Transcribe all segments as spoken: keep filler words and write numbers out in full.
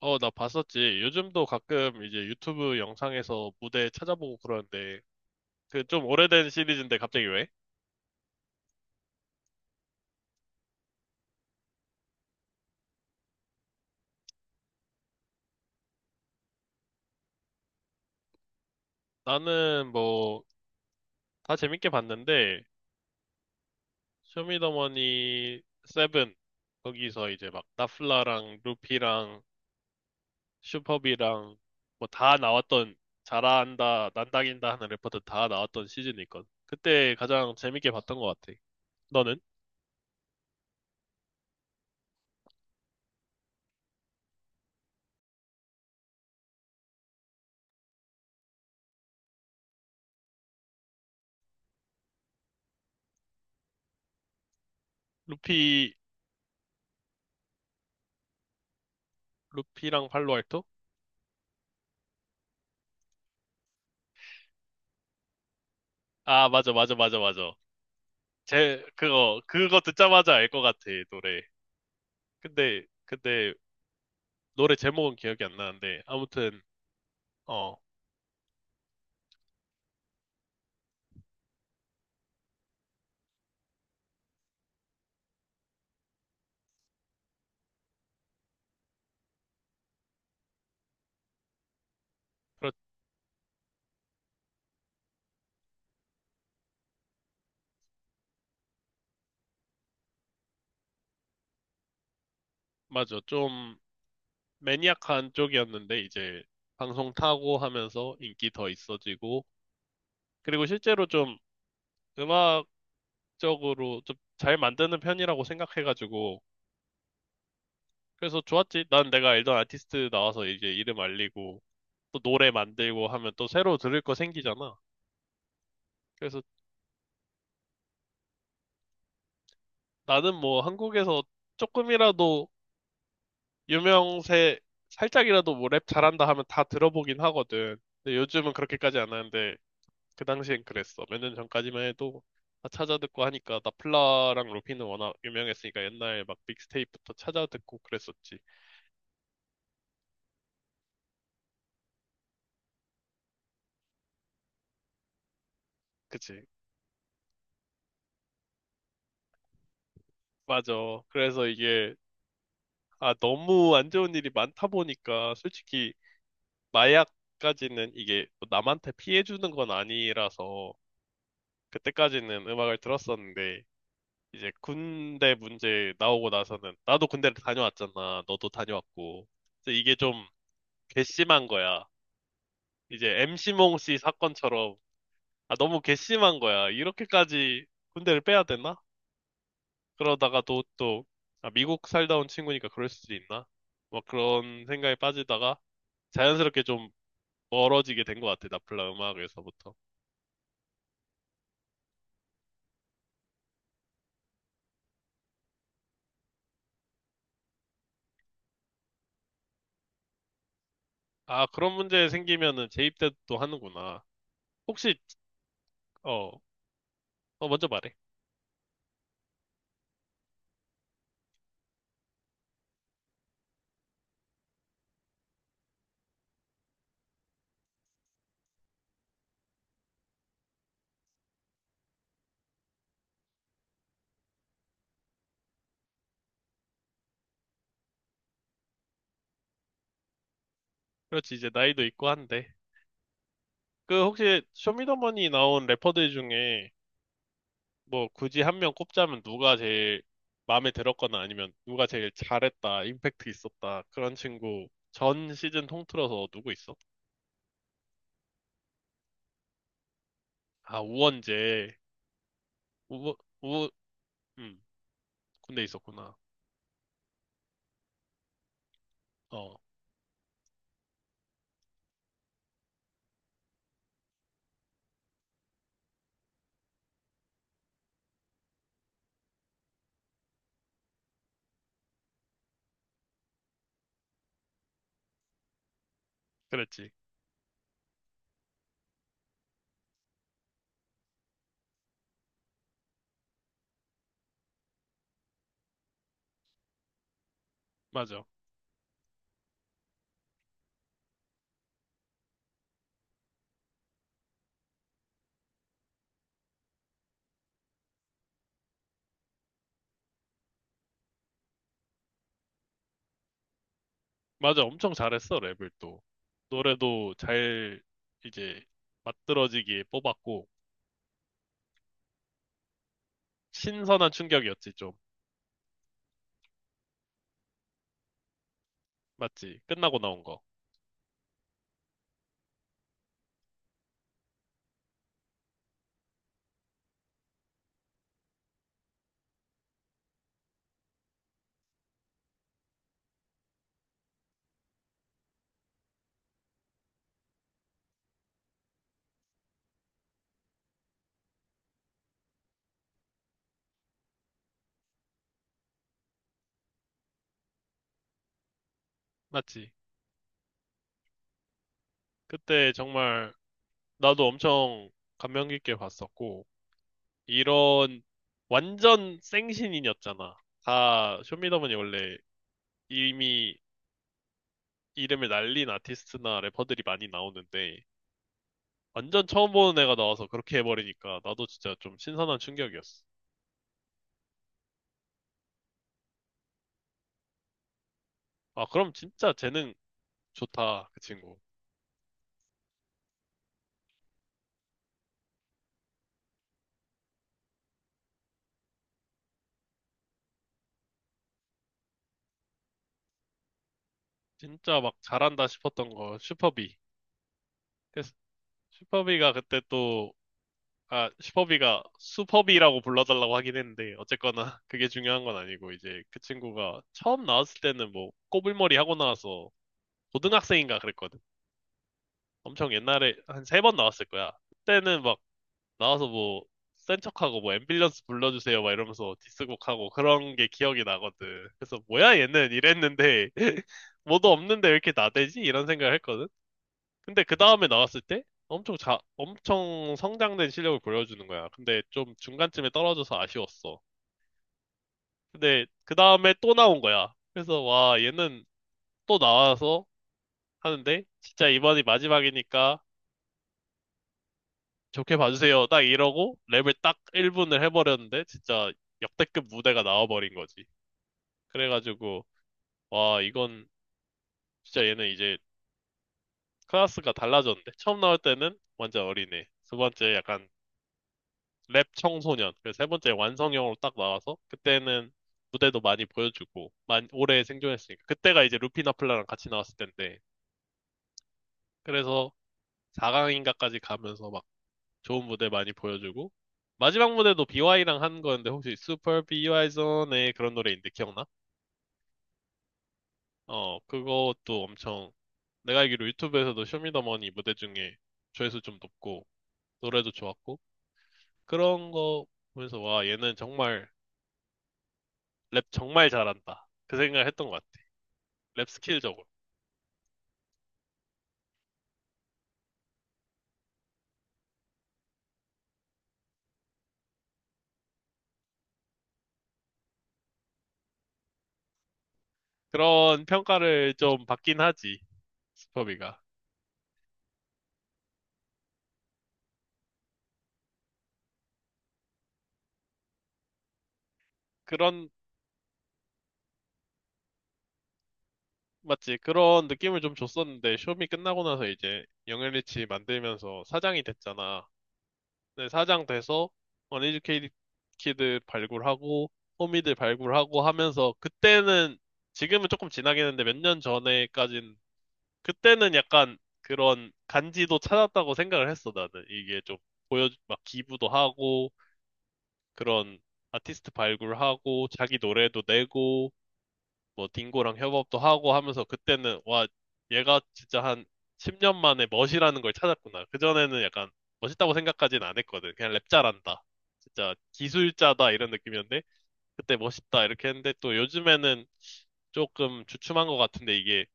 어, 나 봤었지. 요즘도 가끔 이제 유튜브 영상에서 무대 찾아보고 그러는데, 그 좀 오래된 시리즈인데 갑자기 왜? 나는 뭐, 다 재밌게 봤는데, 쇼미더머니 세븐, 거기서 이제 막 나플라랑 루피랑 슈퍼비랑 뭐 다 나왔던, 잘한다, 난다긴다 하는 래퍼들 다 나왔던 시즌이 있거든. 그때 가장 재밌게 봤던 것 같아. 너는? 루피, 루피랑 팔로알토? 아, 맞아, 맞아, 맞아, 맞아. 제 그거 그거 듣자마자 알 것 같아 노래. 근데 근데 노래 제목은 기억이 안 나는데 아무튼. 어 그렇 맞아. 좀 매니악한 쪽이었는데 이제 방송 타고 하면서 인기 더 있어지고, 그리고 실제로 좀 음악적으로 좀 잘 만드는 편이라고 생각해가지고 그래서 좋았지. 난 내가 알던 아티스트 나와서 이제 이름 알리고 또 노래 만들고 하면 또 새로 들을 거 생기잖아. 그래서 나는 뭐 한국에서 조금이라도 유명세, 살짝이라도 뭐 랩 잘한다 하면 다 들어보긴 하거든. 근데 요즘은 그렇게까지 안 하는데, 그 당시엔 그랬어. 몇 년 전까지만 해도 다 찾아듣고 하니까 나플라랑 루피는 워낙 유명했으니까 옛날 막 믹스테이프부터 찾아듣고 그랬었지. 그치? 맞아. 그래서 이게, 아 너무 안 좋은 일이 많다 보니까 솔직히 마약까지는 이게 뭐 남한테 피해 주는 건 아니라서 그때까지는 음악을 들었었는데, 이제 군대 문제 나오고 나서는 나도 군대를 다녀왔잖아. 너도 다녀왔고. 그래서 이게 좀 괘씸한 거야. 이제 엠씨몽 씨 사건처럼 아 너무 괘씸한 거야. 이렇게까지 군대를 빼야 되나? 그러다가 또 또 아, 미국 살다 온 친구니까 그럴 수도 있나? 막 그런 생각에 빠지다가 자연스럽게 좀 멀어지게 된 것 같아. 나플라 음악에서부터. 아 그런 문제 생기면은 재입대도 하는구나. 혹시. 어, 어 먼저 말해. 그렇지, 이제 나이도 있고 한데. 그 혹시 쇼미더머니 나온 래퍼들 중에 뭐 굳이 한 명 꼽자면 누가 제일 마음에 들었거나 아니면 누가 제일 잘했다, 임팩트 있었다 그런 친구 전 시즌 통틀어서 누구 있어? 아, 우원재. 우우. 음, 군대 있었구나. 어, 그랬지. 맞아, 맞아, 엄청 잘했어 랩을 또. 노래도 잘 이제 맞들어지게 뽑았고, 신선한 충격이었지 좀. 맞지, 끝나고 나온 거. 맞지. 그때 정말 나도 엄청 감명 깊게 봤었고, 이런 완전 생신인이었잖아. 다 쇼미더머니 원래 이미 이름을 날린 아티스트나 래퍼들이 많이 나오는데, 완전 처음 보는 애가 나와서 그렇게 해버리니까 나도 진짜 좀 신선한 충격이었어. 아, 그럼 진짜 재능 좋다, 그 친구. 진짜 막 잘한다 싶었던 거, 슈퍼비. 그래서 슈퍼비가 그때 또, 아, 슈퍼비가 슈퍼비라고 불러달라고 하긴 했는데, 어쨌거나 그게 중요한 건 아니고, 이제 그 친구가 처음 나왔을 때는 뭐, 꼬불머리 하고 나와서 고등학생인가 그랬거든. 엄청 옛날에 한 세 번 나왔을 거야. 그때는 막, 나와서 뭐, 센 척하고 뭐, 앰뷸런스 불러주세요 막 이러면서 디스곡하고 그런 게 기억이 나거든. 그래서 뭐야, 얘는 이랬는데, 뭐도 없는데 왜 이렇게 나대지? 이런 생각을 했거든. 근데 그 다음에 나왔을 때 엄청 자, 엄청 성장된 실력을 보여주는 거야. 근데 좀 중간쯤에 떨어져서 아쉬웠어. 근데 그 다음에 또 나온 거야. 그래서 와, 얘는 또 나와서 하는데 진짜 이번이 마지막이니까 좋게 봐주세요. 딱 이러고 랩을 딱 일 분을 해버렸는데 진짜 역대급 무대가 나와버린 거지. 그래가지고 와, 이건 진짜 얘는 이제 클래스가 달라졌는데, 처음 나올 때는 완전 어린애, 두 번째 약간 랩 청소년, 그래서 세 번째 완성형으로 딱 나와서, 그때는 무대도 많이 보여주고 많이 오래 생존했으니까, 그때가 이제 루피나플라랑 같이 나왔을 텐데, 그래서 사강인가까지 가면서 막 좋은 무대 많이 보여주고 마지막 무대도 비와이랑 한 거였는데, 혹시 Super 비와이 Zone의 그런 노래인데 기억나? 어, 그것도 엄청, 내가 알기로 유튜브에서도 쇼미더머니 무대 중에 조회수 좀 높고 노래도 좋았고, 그런 거 보면서 와 얘는 정말 랩 정말 잘한다 그 생각을 했던 것 같아. 랩 스킬적으로. 그런 평가를 좀 받긴 하지, 스퍼비가. 그런, 맞지? 그런 느낌을 좀 줬었는데, 쇼미 끝나고 나서 이제 영앤리치 만들면서 사장이 됐잖아. 근데 사장 돼서 어니즈케이드 키드 발굴하고, 호미들 발굴하고 하면서, 그때는, 지금은 조금 지나긴 했는데 몇 년 전에까진, 그때는 약간 그런 간지도 찾았다고 생각을 했어, 나는. 이게 좀 보여, 막 기부도 하고, 그런 아티스트 발굴하고 자기 노래도 내고 뭐 딩고랑 협업도 하고 하면서, 그때는 와 얘가 진짜 한 십 년 만에 멋이라는 걸 찾았구나. 그전에는 약간 멋있다고 생각까지는 안 했거든. 그냥 랩 잘한다, 진짜 기술자다 이런 느낌이었는데, 그때 멋있다 이렇게 했는데 또 요즘에는 조금 주춤한 것 같은데, 이게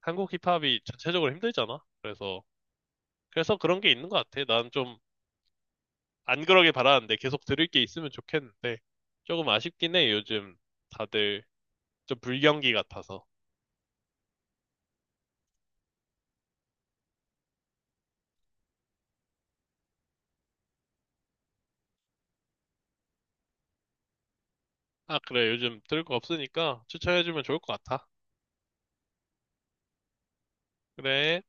한국 힙합이 전체적으로 힘들잖아. 그래서, 그래서 그런 게 있는 것 같아. 난좀 안 그러길 바라는데 계속 들을 게 있으면 좋겠는데 조금 아쉽긴 해. 요즘 다들 좀 불경기 같아서. 아, 그래. 요즘 들을 거 없으니까 추천해주면 좋을 것 같아. 그래.